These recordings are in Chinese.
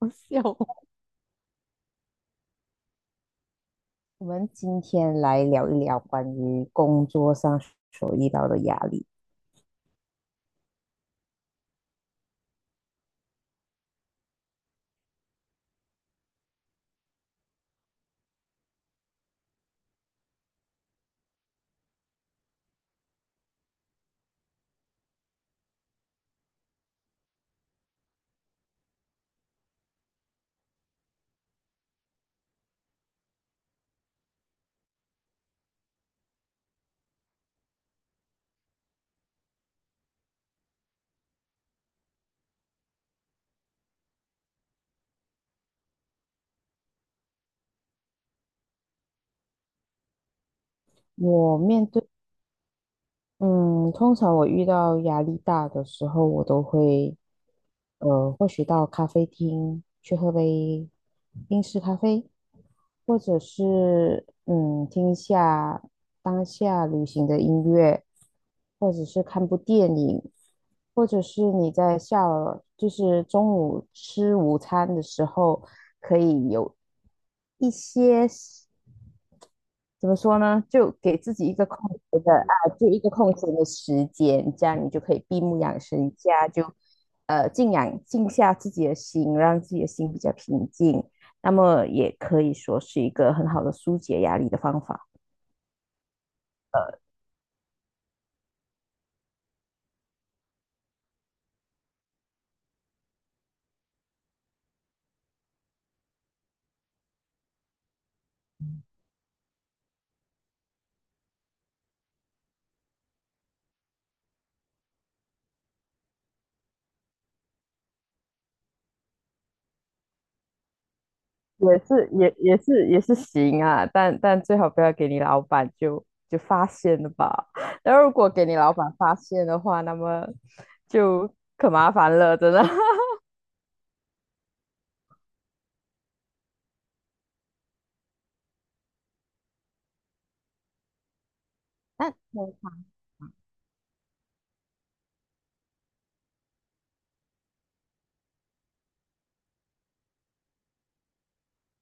好笑哦 我们今天来聊一聊关于工作上所遇到的压力。我面对。嗯，通常我遇到压力大的时候，我都会，或许到咖啡厅去喝杯英式咖啡，或者是听一下当下流行的音乐，或者是看部电影，或者是你在下了就是中午吃午餐的时候，可以有一些。怎么说呢？就给自己一个空闲的时间，这样你就可以闭目养神一下，就静下自己的心，让自己的心比较平静。那么也可以说是一个很好的疏解压力的方法。也是行啊，但最好不要给你老板就发现了吧。那如果给你老板发现的话，那么就可麻烦了，真的。那通常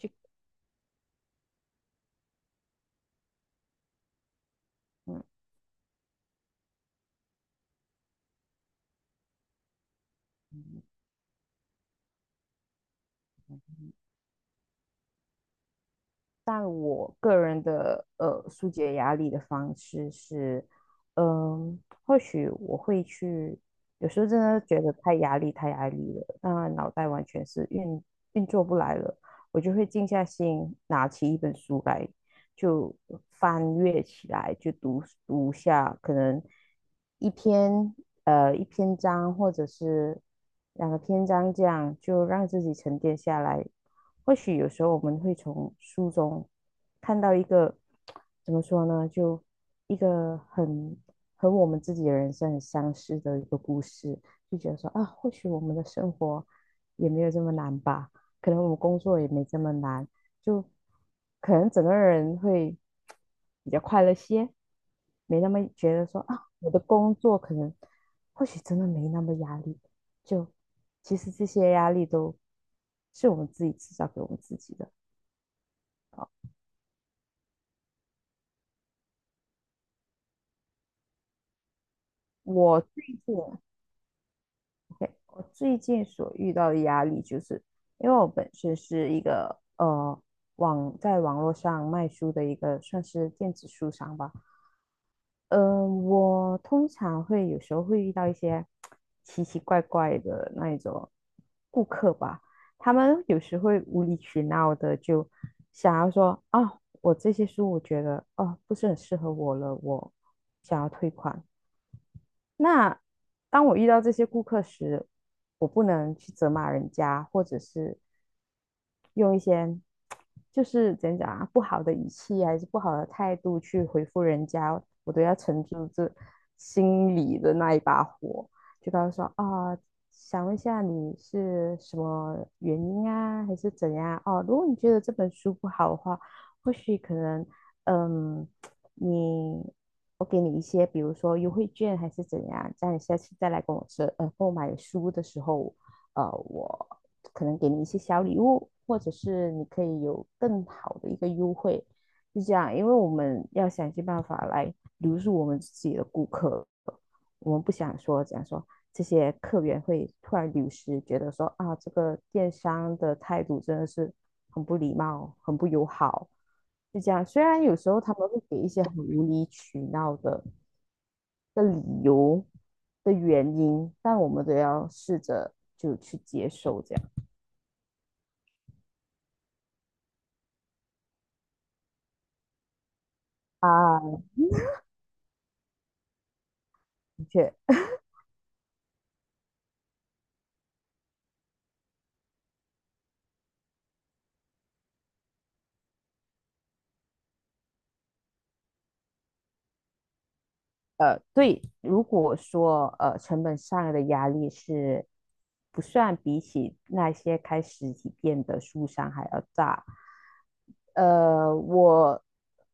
就嗯。但我个人的疏解压力的方式是，嗯，或许我会去，有时候真的觉得太压力太压力了，那脑袋完全是运作不来了，我就会静下心拿起一本书来，就翻阅起来，就读下可能一篇一篇章或者是两个篇章这样，就让自己沉淀下来，或许有时候我们会从书中看到一个怎么说呢，就一个很和我们自己的人生很相似的一个故事，就觉得说啊，或许我们的生活也没有这么难吧，可能我们工作也没这么难，就可能整个人会比较快乐些，没那么觉得说啊，我的工作可能或许真的没那么压力，就其实这些压力都是我们自己制造给我们自己的。我最近我最近所遇到的压力，就是因为我本身是一个在网络上卖书的一个算是电子书商吧，我通常会有时候会遇到一些奇奇怪怪的那一种顾客吧，他们有时会无理取闹的就想要说啊，我这些书我觉得哦不是很适合我了，我想要退款。那当我遇到这些顾客时，我不能去责骂人家，或者是用一些就是怎样讲啊，不好的语气还是不好的态度去回复人家，我都要沉住这心里的那一把火，就告诉说啊。想问一下你是什么原因啊，还是怎样？哦，如果你觉得这本书不好的话，或许可能，嗯，你我给你一些，比如说优惠券还是怎样，这样你下次再来跟我说，购买书的时候，我可能给你一些小礼物，或者是你可以有更好的一个优惠，就这样，因为我们要想尽办法来留住我们自己的顾客，我们不想说讲说这些客源会突然流失，觉得说啊，这个电商的态度真的是很不礼貌，很不友好，就这样。虽然有时候他们会给一些很无理取闹的的理由的原因，但我们都要试着就去接受这样啊，的确，对，如果说成本上的压力是不算比起那些开实体店的书商还要大，呃，我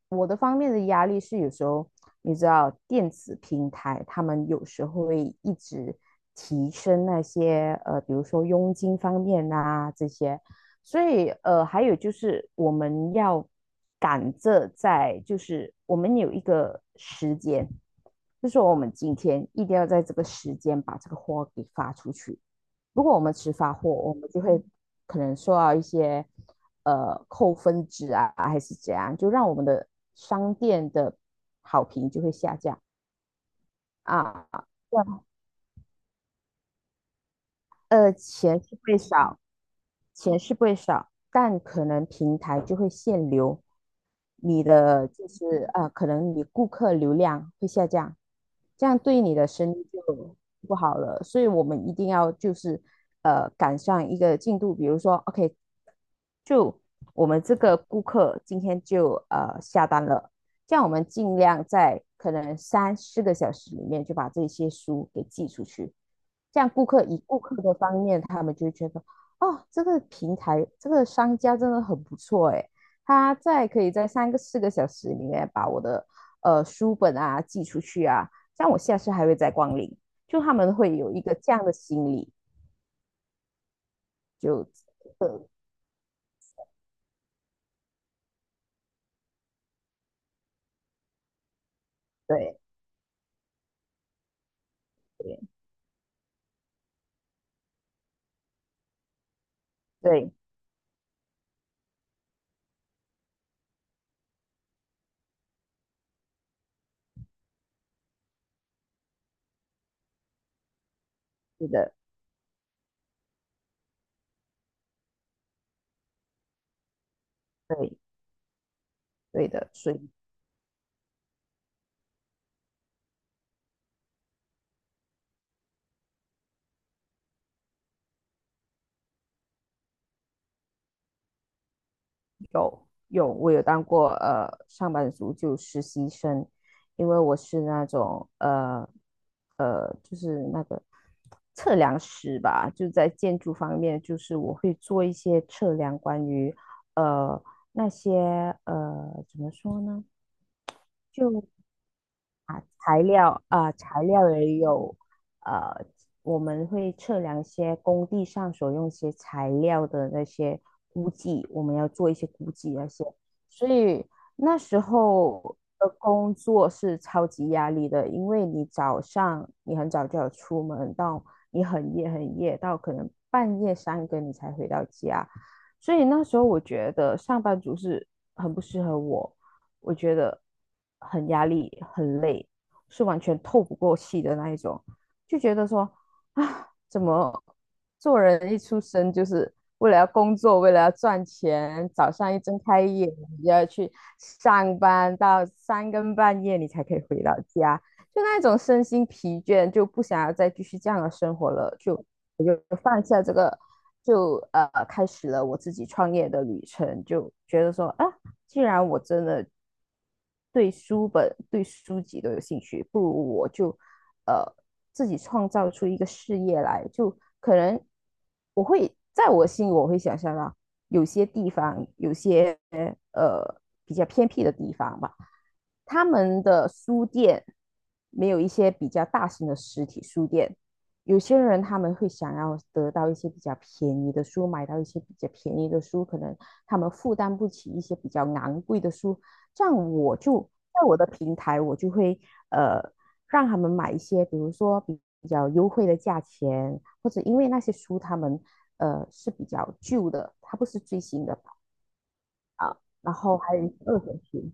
我的方面的压力是有时候，你知道，电子平台他们有时候会一直提升那些比如说佣金方面啊这些，所以还有就是我们要赶着在，就是我们有一个时间，就说我们今天一定要在这个时间把这个货给发出去。如果我们迟发货，我们就会可能受到一些扣分值啊，还是怎样，就让我们的商店的好评就会下降啊。钱是会少，钱是不会少，但可能平台就会限流，你的就是可能你顾客流量会下降，这样对你的生意就不好了。所以我们一定要就是赶上一个进度，比如说 OK，就我们这个顾客今天就下单了，这样我们尽量在可能三四个小时里面就把这些书给寄出去。这样顾客以顾客的方面，他们就会觉得，哦，这个平台这个商家真的很不错诶，他在可以在三个四个小时里面把我的书本啊寄出去啊，这样我下次还会再光临，就他们会有一个这样的心理，就呃对对对，是的，对对的，所以有，我有当过上班族，就实习生，因为我是那种就是那个测量师吧，就在建筑方面，就是我会做一些测量关于呃那些怎么说呢，就材料啊、材料也有，呃，我们会测量一些工地上所用一些材料的那些估计，我们要做一些估计那些，所以那时候的工作是超级压力的，因为你早上你很早就要出门，到你很夜很夜，到可能半夜三更你才回到家，所以那时候我觉得上班族是很不适合我，我觉得很压力，很累。是完全透不过气的那一种，就觉得说啊，怎么做人一出生就是为了要工作，为了要赚钱，早上一睁开眼你就要去上班，到三更半夜你才可以回到家，就那种身心疲倦，就不想要再继续这样的生活了，就我就放下这个，就开始了我自己创业的旅程，就觉得说啊。既然我真的对书本、对书籍都有兴趣，不如我就呃自己创造出一个事业来。就可能我会在我心里，我会想象到有些地方，有些呃比较偏僻的地方吧，他们的书店没有一些比较大型的实体书店。有些人他们会想要得到一些比较便宜的书，买到一些比较便宜的书，可能他们负担不起一些比较昂贵的书，这样我就在我的平台，我就会呃让他们买一些，比如说比较优惠的价钱，或者因为那些书他们是比较旧的，它不是最新的，然后还有一些二手书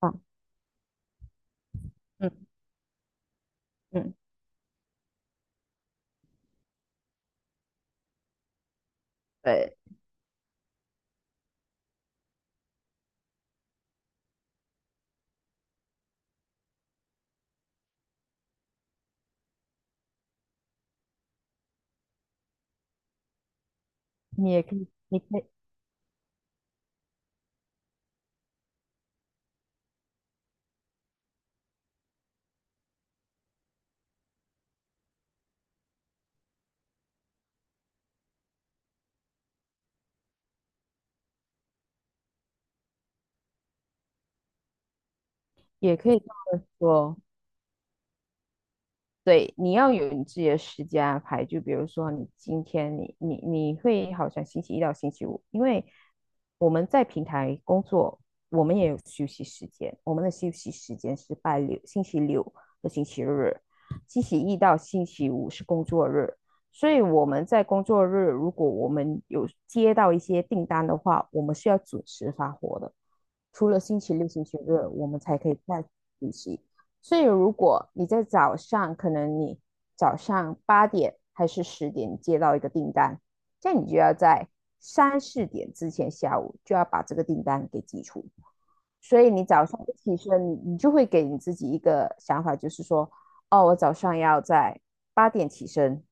啊，嗯嗯，对，你也可以，也可以这么说。对，你要有你自己的时间安排。就比如说，你今天你会好像星期一到星期五，因为我们在平台工作，我们也有休息时间。我们的休息时间是星期六和星期日，星期一到星期五是工作日。所以我们在工作日，如果我们有接到一些订单的话，我们是要准时发货的。除了星期六、星期日，我们才可以再补习。所以如果你在早上，可能你早上八点还是10点接到一个订单，这样你就要在三四点之前下午就要把这个订单给寄出。所以你早上一起身，你就会给你自己一个想法，就是说哦，我早上要在八点起身，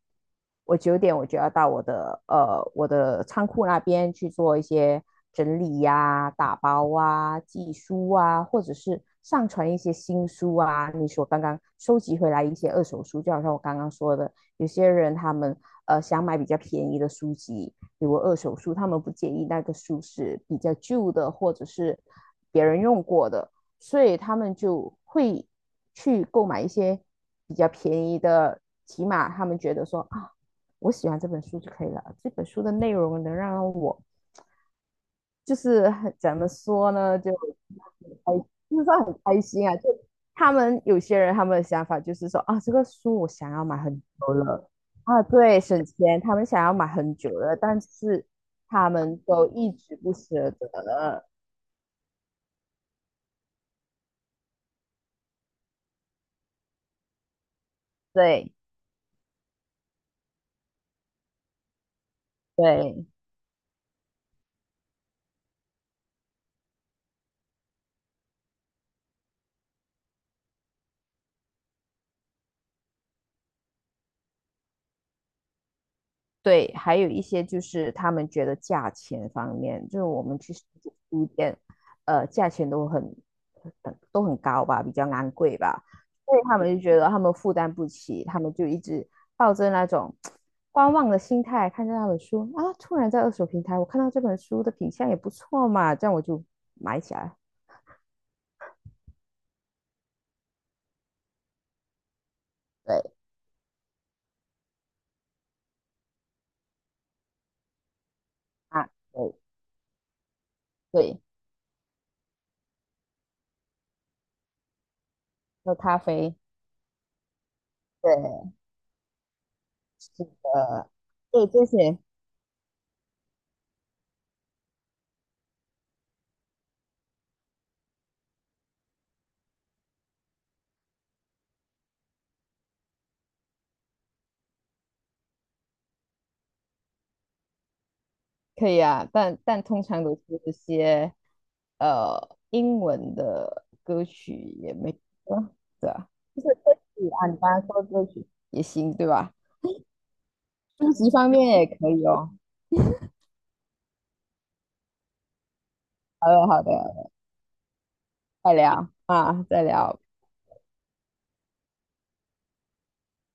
我9点我就要到我的仓库那边去做一些整理呀、打包啊、寄书啊，或者是上传一些新书啊。你说刚刚收集回来一些二手书，就好像我刚刚说的，有些人他们想买比较便宜的书籍，比如二手书，他们不介意那个书是比较旧的，或者是别人用过的，所以他们就会去购买一些比较便宜的，起码他们觉得说啊，我喜欢这本书就可以了，这本书的内容能让我就是怎么说呢，开，就是说很开心啊。就他们有些人他们的想法就是说啊，这个书我想要买很久了啊，对，省钱，他们想要买很久了，但是他们都一直不舍得，对对。对，还有一些就是他们觉得价钱方面，就是我们去书店，价钱都很高吧，比较昂贵吧，所以他们就觉得他们负担不起，他们就一直抱着那种观望的心态看着那本书啊，突然在二手平台我看到这本书的品相也不错嘛，这样我就买起来。对啊，对对，喝咖啡，对，是的，对这些可以啊，但通常都是一些英文的歌曲也没啊，对啊，就是歌曲啊，你刚刚说歌曲也行，对吧？书籍方面也可以哦。好的，好的，再聊啊，再聊。